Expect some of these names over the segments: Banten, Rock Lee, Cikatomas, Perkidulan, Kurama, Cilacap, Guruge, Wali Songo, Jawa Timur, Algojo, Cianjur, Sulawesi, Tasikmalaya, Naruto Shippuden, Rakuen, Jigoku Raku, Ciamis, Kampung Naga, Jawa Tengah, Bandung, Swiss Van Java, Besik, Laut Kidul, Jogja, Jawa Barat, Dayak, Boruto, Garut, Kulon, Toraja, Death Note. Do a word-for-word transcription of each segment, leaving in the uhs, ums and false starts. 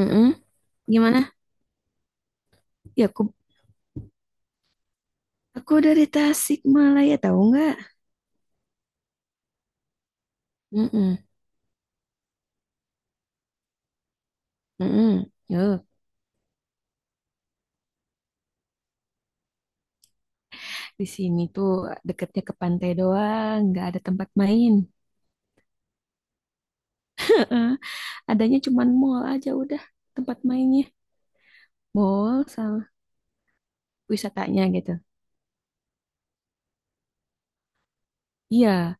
Mm-mm. Gimana? Ya aku aku dari Tasikmalaya tahu nggak? Mm-mm. Mm-mm. Yo, di sini tuh deketnya ke pantai doang, nggak ada tempat main. Heeh, adanya cuman mall aja udah tempat mainnya. Mall sama wisatanya gitu. Iya,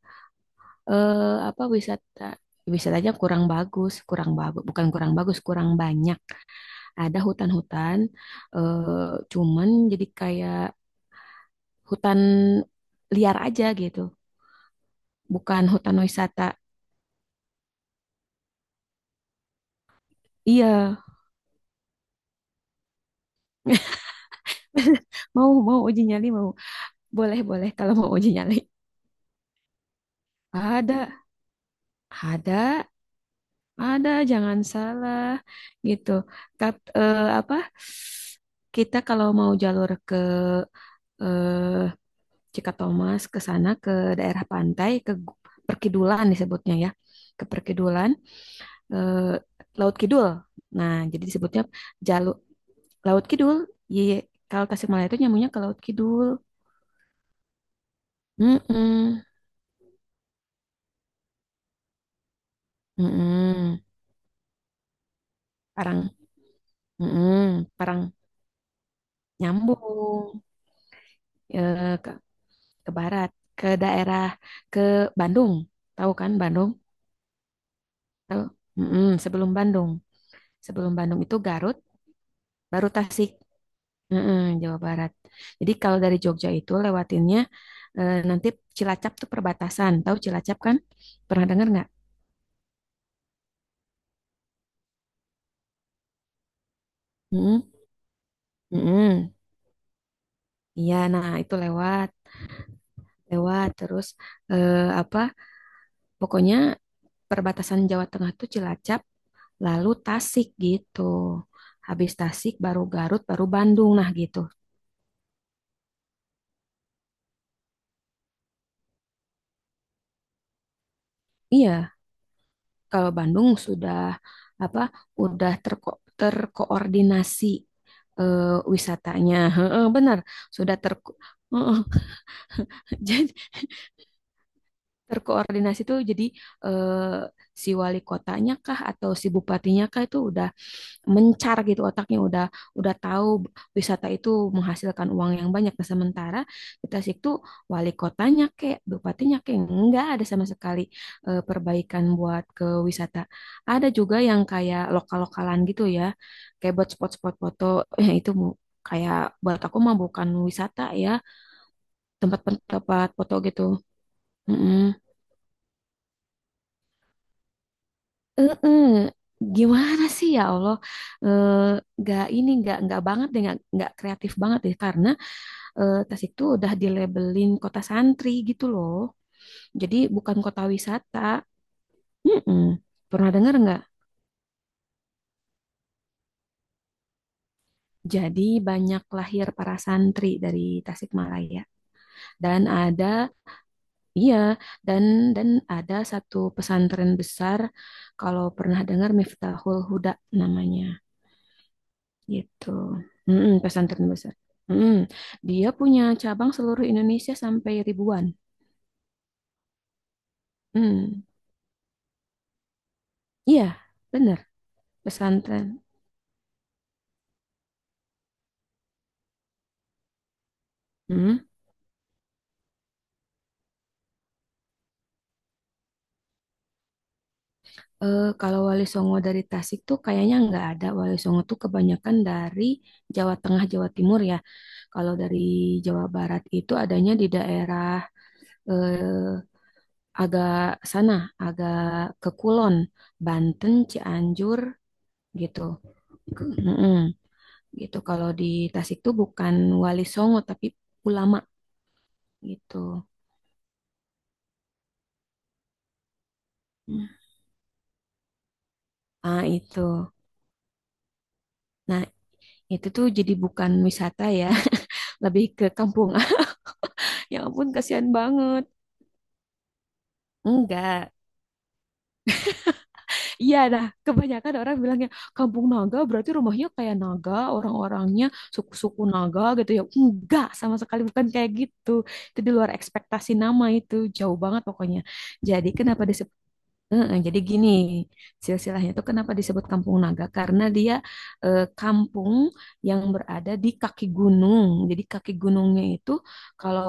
eh apa wisata wisatanya kurang bagus, kurang bagus, bukan kurang bagus, kurang banyak. Ada hutan-hutan, eh cuman jadi kayak hutan liar aja gitu. Bukan hutan wisata. Iya, mau mau uji nyali mau. Boleh boleh kalau mau uji nyali. Ada, ada, ada. Jangan salah gitu. Tap, eh, apa? Kita kalau mau jalur ke eh, Cikatomas ke sana ke daerah pantai ke gu- Perkidulan disebutnya ya. Ke Perkidulan, eh, Laut Kidul. Nah, jadi disebutnya jalur Laut Kidul. Iya, kalau Tasikmalaya itu nyambungnya ke Laut Kidul. Mm-mm, mm-mm. Parang, mm-mm, Parang nyambung eh, ke, ke barat, ke daerah, ke Bandung. Tahu kan Bandung? Tahu? Mm-mm. Sebelum Bandung, sebelum Bandung itu Garut, baru Tasik. Mm-mm, Jawa Barat. Jadi kalau dari Jogja itu lewatinnya eh, nanti Cilacap tuh perbatasan. Tahu Cilacap kan? Pernah dengar nggak? Mm-mm, mm-mm. Iya, nah itu lewat, lewat terus. eh, apa? Pokoknya perbatasan Jawa Tengah tuh Cilacap, lalu Tasik gitu. Habis Tasik baru Garut, baru Bandung, nah gitu. Iya, kalau Bandung sudah apa? Udah terko terkoordinasi, eh, wisatanya. Heeh, benar, sudah ter. Heeh, jadi terkoordinasi tuh jadi, eh, si wali kotanya kah atau si bupatinya kah itu udah mencar gitu otaknya, udah udah tahu wisata itu menghasilkan uang yang banyak. Nah, sementara di Tasik tuh wali kotanya kayak bupatinya kayak nggak ada sama sekali eh, perbaikan buat ke wisata. Ada juga yang kayak lokal-lokalan gitu ya, kayak buat spot-spot foto, eh, itu bu- kayak buat aku mah bukan wisata ya, tempat-tempat foto gitu. Mm-mm. eh Gimana sih ya Allah, Eh, nggak ini nggak nggak banget deh, nggak nggak kreatif banget deh karena, eh, Tas itu udah dilabelin kota santri gitu loh. Jadi bukan kota wisata. Mm-mm. Pernah dengar nggak? Jadi banyak lahir para santri dari Tasikmalaya. Dan ada, iya, dan dan ada satu pesantren besar, kalau pernah dengar Miftahul Huda namanya gitu. Mm-mm, pesantren besar. Mm-mm. Dia punya cabang seluruh Indonesia sampai ribuan. Mm. Iya, benar. Pesantren. Mm. Eh, kalau Wali Songo dari Tasik tuh kayaknya nggak ada. Wali Songo tuh kebanyakan dari Jawa Tengah, Jawa Timur ya. Kalau dari Jawa Barat itu adanya di daerah, eh, agak sana, agak ke Kulon, Banten, Cianjur gitu. Ke- Mm-mm. Gitu. Kalau di Tasik tuh bukan Wali Songo tapi ulama gitu. Ah itu. Nah, itu tuh jadi bukan wisata ya, lebih ke kampung. Ya ampun, kasihan banget. Enggak. Iya, nah kebanyakan orang bilangnya kampung naga berarti rumahnya kayak naga, orang-orangnya suku-suku naga gitu ya. Enggak, sama sekali bukan kayak gitu. Itu di luar ekspektasi nama itu, jauh banget pokoknya. Jadi kenapa disebut. Heeh, jadi gini, silsilahnya itu kenapa disebut Kampung Naga? Karena dia, eh, kampung yang berada di kaki gunung. Jadi kaki gunungnya itu kalau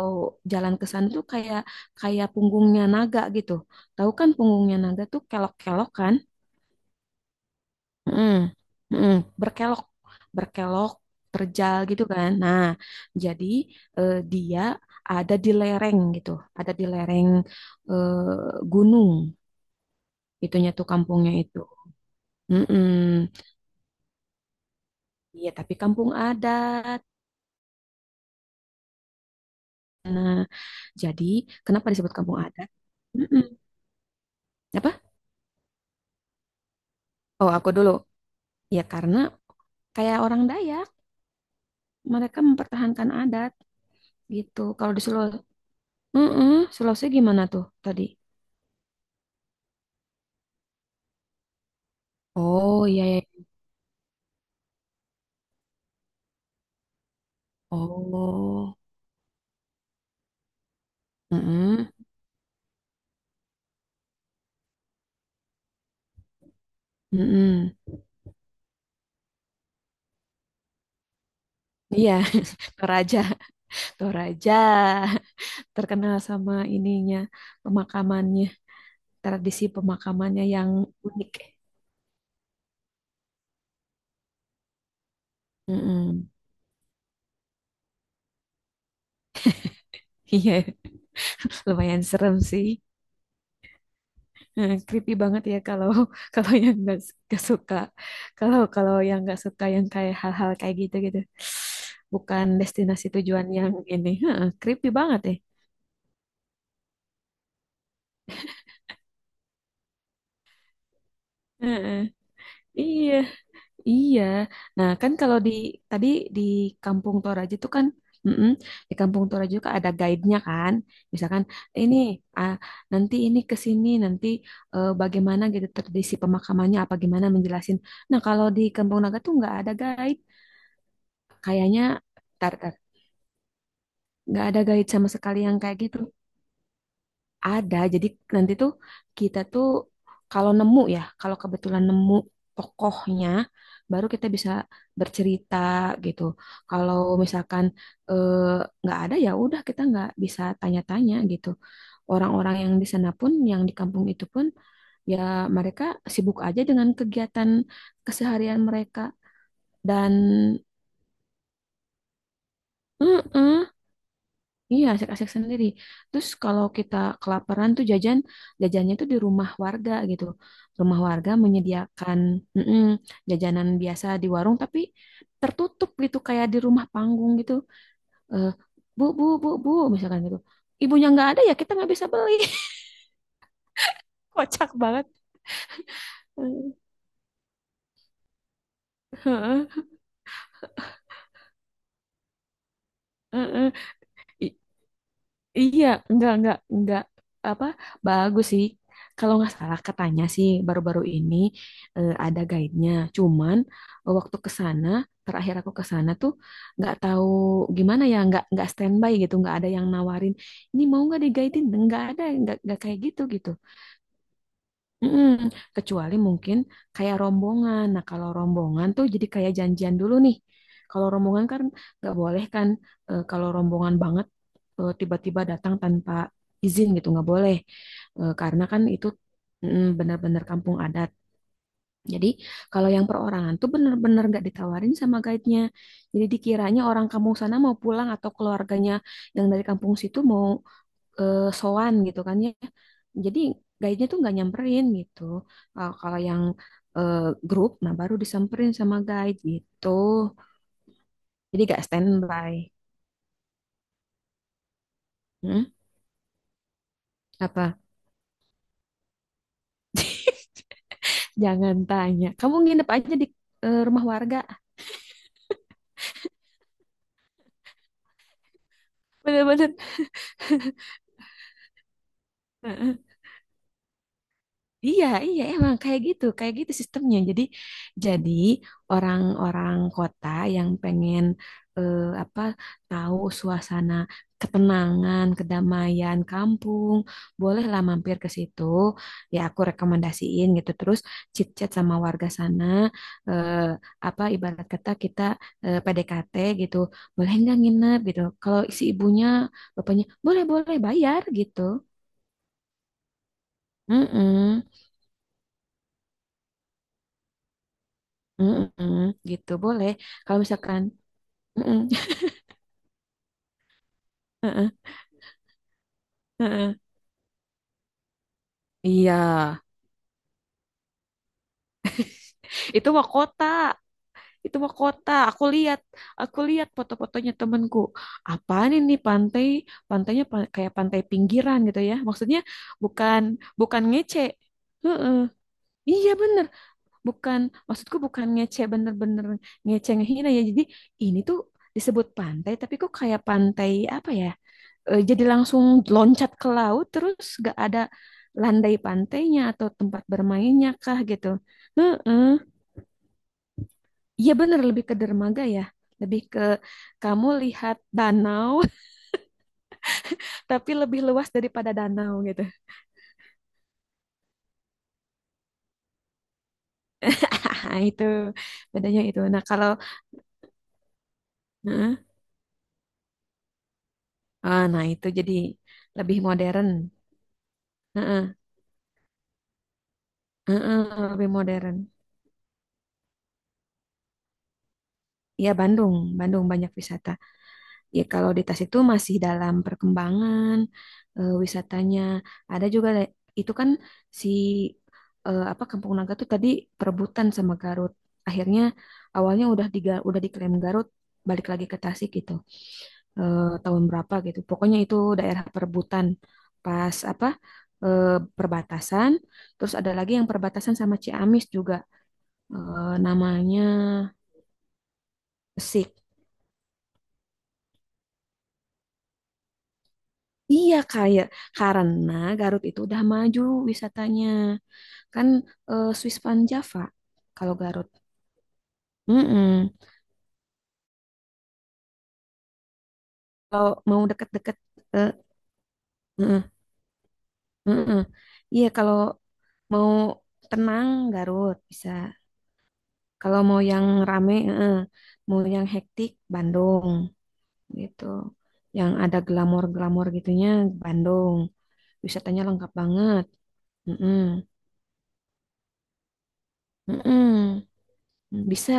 jalan ke sana tuh kayak, kayak punggungnya naga gitu. Tahu kan punggungnya naga tuh kelok-kelok kan? Mm, mm, berkelok, berkelok, terjal gitu kan. Nah, jadi eh, dia ada di lereng gitu, ada di lereng, eh, gunung. Itunya tuh kampungnya itu. Mm-mm. Iya, tapi kampung adat. Jadi, kenapa disebut kampung adat? Mm-mm. Apa? Oh, aku dulu. Ya, karena kayak orang Dayak, mereka mempertahankan adat gitu. Kalau di Sulawesi, mm, Sulawesi gimana tuh tadi? Oh, iya, iya. Oh, mm-mm. Mm-mm. Iya, Toraja, Toraja terkenal sama ininya, pemakamannya, tradisi pemakamannya yang unik. Mm-mm. Iya, lumayan serem sih. Eh, creepy banget ya kalau kalau yang nggak s- nggak suka, kalau kalau yang nggak suka yang kayak hal-hal kayak gitu gitu bukan destinasi tujuan yang ini. Heeh, creepy banget ya. Heeh. Iya, iya, nah kan kalau di tadi di Kampung Toraja itu kan, mm-mm, di Kampung Toraja juga ada guide-nya kan, misalkan ini, ah, nanti ini ke sini nanti, eh, bagaimana gitu tradisi pemakamannya apa gimana menjelasin, nah kalau di Kampung Naga tuh nggak ada guide. Kayaknya tar tar nggak ada guide sama sekali yang kayak gitu. Ada. Jadi nanti tuh kita tuh kalau nemu ya, kalau kebetulan nemu tokohnya, baru kita bisa bercerita gitu. Kalau misalkan, eh, nggak ada ya udah kita nggak bisa tanya-tanya gitu. Orang-orang yang di sana pun, yang di kampung itu pun, ya mereka sibuk aja dengan kegiatan keseharian mereka dan. Mm-mm. Iya, asik-asik sendiri. Terus kalau kita kelaparan tuh jajan, jajannya tuh di rumah warga gitu. Rumah warga menyediakan, mm-mm, jajanan biasa di warung, tapi tertutup gitu kayak di rumah panggung gitu. Eh, bu, bu, bu, bu, misalkan gitu. Ibunya nggak ada ya kita nggak bisa beli. Kocak banget. Heeh, heeh. Iya, enggak, enggak, enggak, apa, bagus sih. Kalau nggak salah katanya sih baru-baru ini eh, ada guide-nya. Cuman, eh, waktu ke sana, terakhir aku ke sana tuh nggak tahu gimana ya, nggak nggak standby gitu, nggak ada yang nawarin. Ini mau nggak diguidein? Nggak ada, nggak nggak kayak gitu gitu. Mm-mm. Kecuali mungkin kayak rombongan. Nah kalau rombongan tuh jadi kayak janjian dulu nih. Kalau rombongan kan nggak boleh kan. Eh, kalau rombongan banget, eh, tiba-tiba datang tanpa izin gitu nggak boleh. Eh, karena kan itu mm, benar-benar kampung adat. Jadi kalau yang perorangan tuh benar-benar nggak ditawarin sama guide-nya. Jadi dikiranya orang kampung sana mau pulang atau keluarganya yang dari kampung situ mau, eh, sowan gitu kan ya. Jadi guide-nya tuh nggak nyamperin gitu. Kalau kalau yang, eh, grup, nah baru disamperin sama guide gitu. Jadi gak standby. Hmm? Apa? Jangan tanya. Kamu nginep aja di, eh, rumah warga. Bener-bener. Iya, iya, emang kayak gitu, kayak gitu sistemnya. Jadi, jadi orang-orang kota yang pengen, eh, apa, tahu suasana ketenangan, kedamaian kampung, bolehlah mampir ke situ. Ya, aku rekomendasiin gitu. Terus chit-chat sama warga sana, eh, apa ibarat kata kita eh, P D K T gitu, boleh nggak nginep gitu. Kalau si ibunya, bapaknya, boleh, boleh, bayar gitu. Mm-mm. Mm-mm, gitu boleh. Kalau misalkan, mm-mm, heeh. Iya, itu mah kota, itu mah kota. Aku lihat, aku lihat foto-fotonya temenku. Apaan ini pantai? Pantainya pa- kayak pantai pinggiran gitu ya. Maksudnya bukan, bukan ngece. Heeh. Iya bener, bukan, maksudku bukan ngece, bener-bener ngece ngehina ya. Jadi ini tuh disebut pantai, tapi kok kayak pantai apa ya? Eh, jadi langsung loncat ke laut terus gak ada landai pantainya atau tempat bermainnya kah gitu. Heeh. Iya bener lebih ke dermaga ya. Lebih ke kamu lihat danau tapi lebih luas daripada danau gitu. Itu bedanya itu. Nah, kalau heeh. Ah, nah itu jadi lebih modern. Heeh. Heeh, lebih modern. Iya Bandung, Bandung banyak wisata. Ya, kalau di Tas itu masih dalam perkembangan, eh, wisatanya. Ada juga le- itu kan si eh, apa Kampung Naga tuh tadi perebutan sama Garut. Akhirnya awalnya udah diga, udah diklaim Garut, balik lagi ke Tasik gitu. Eh, tahun berapa gitu. Pokoknya itu daerah perebutan pas apa, eh, perbatasan. Terus ada lagi yang perbatasan sama Ciamis juga. Eh, namanya Besik. Iya kayak karena Garut itu udah maju wisatanya kan, eh, Swiss Van Java kalau Garut. Mm-mm. Kalau mau deket-deket, eh, mm-mm, mm-mm. Iya kalau mau tenang Garut bisa. Kalau mau yang rame, eh, mau yang hektik Bandung gitu. Yang ada glamor-glamor gitunya Bandung. Wisatanya lengkap banget. Mm-mm, mm-mm. Hmm. Bisa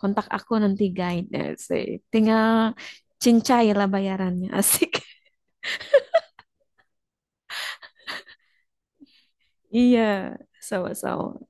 kontak aku nanti guide, eh, tinggal cincai lah bayarannya. Asik. Iya, sama-sama.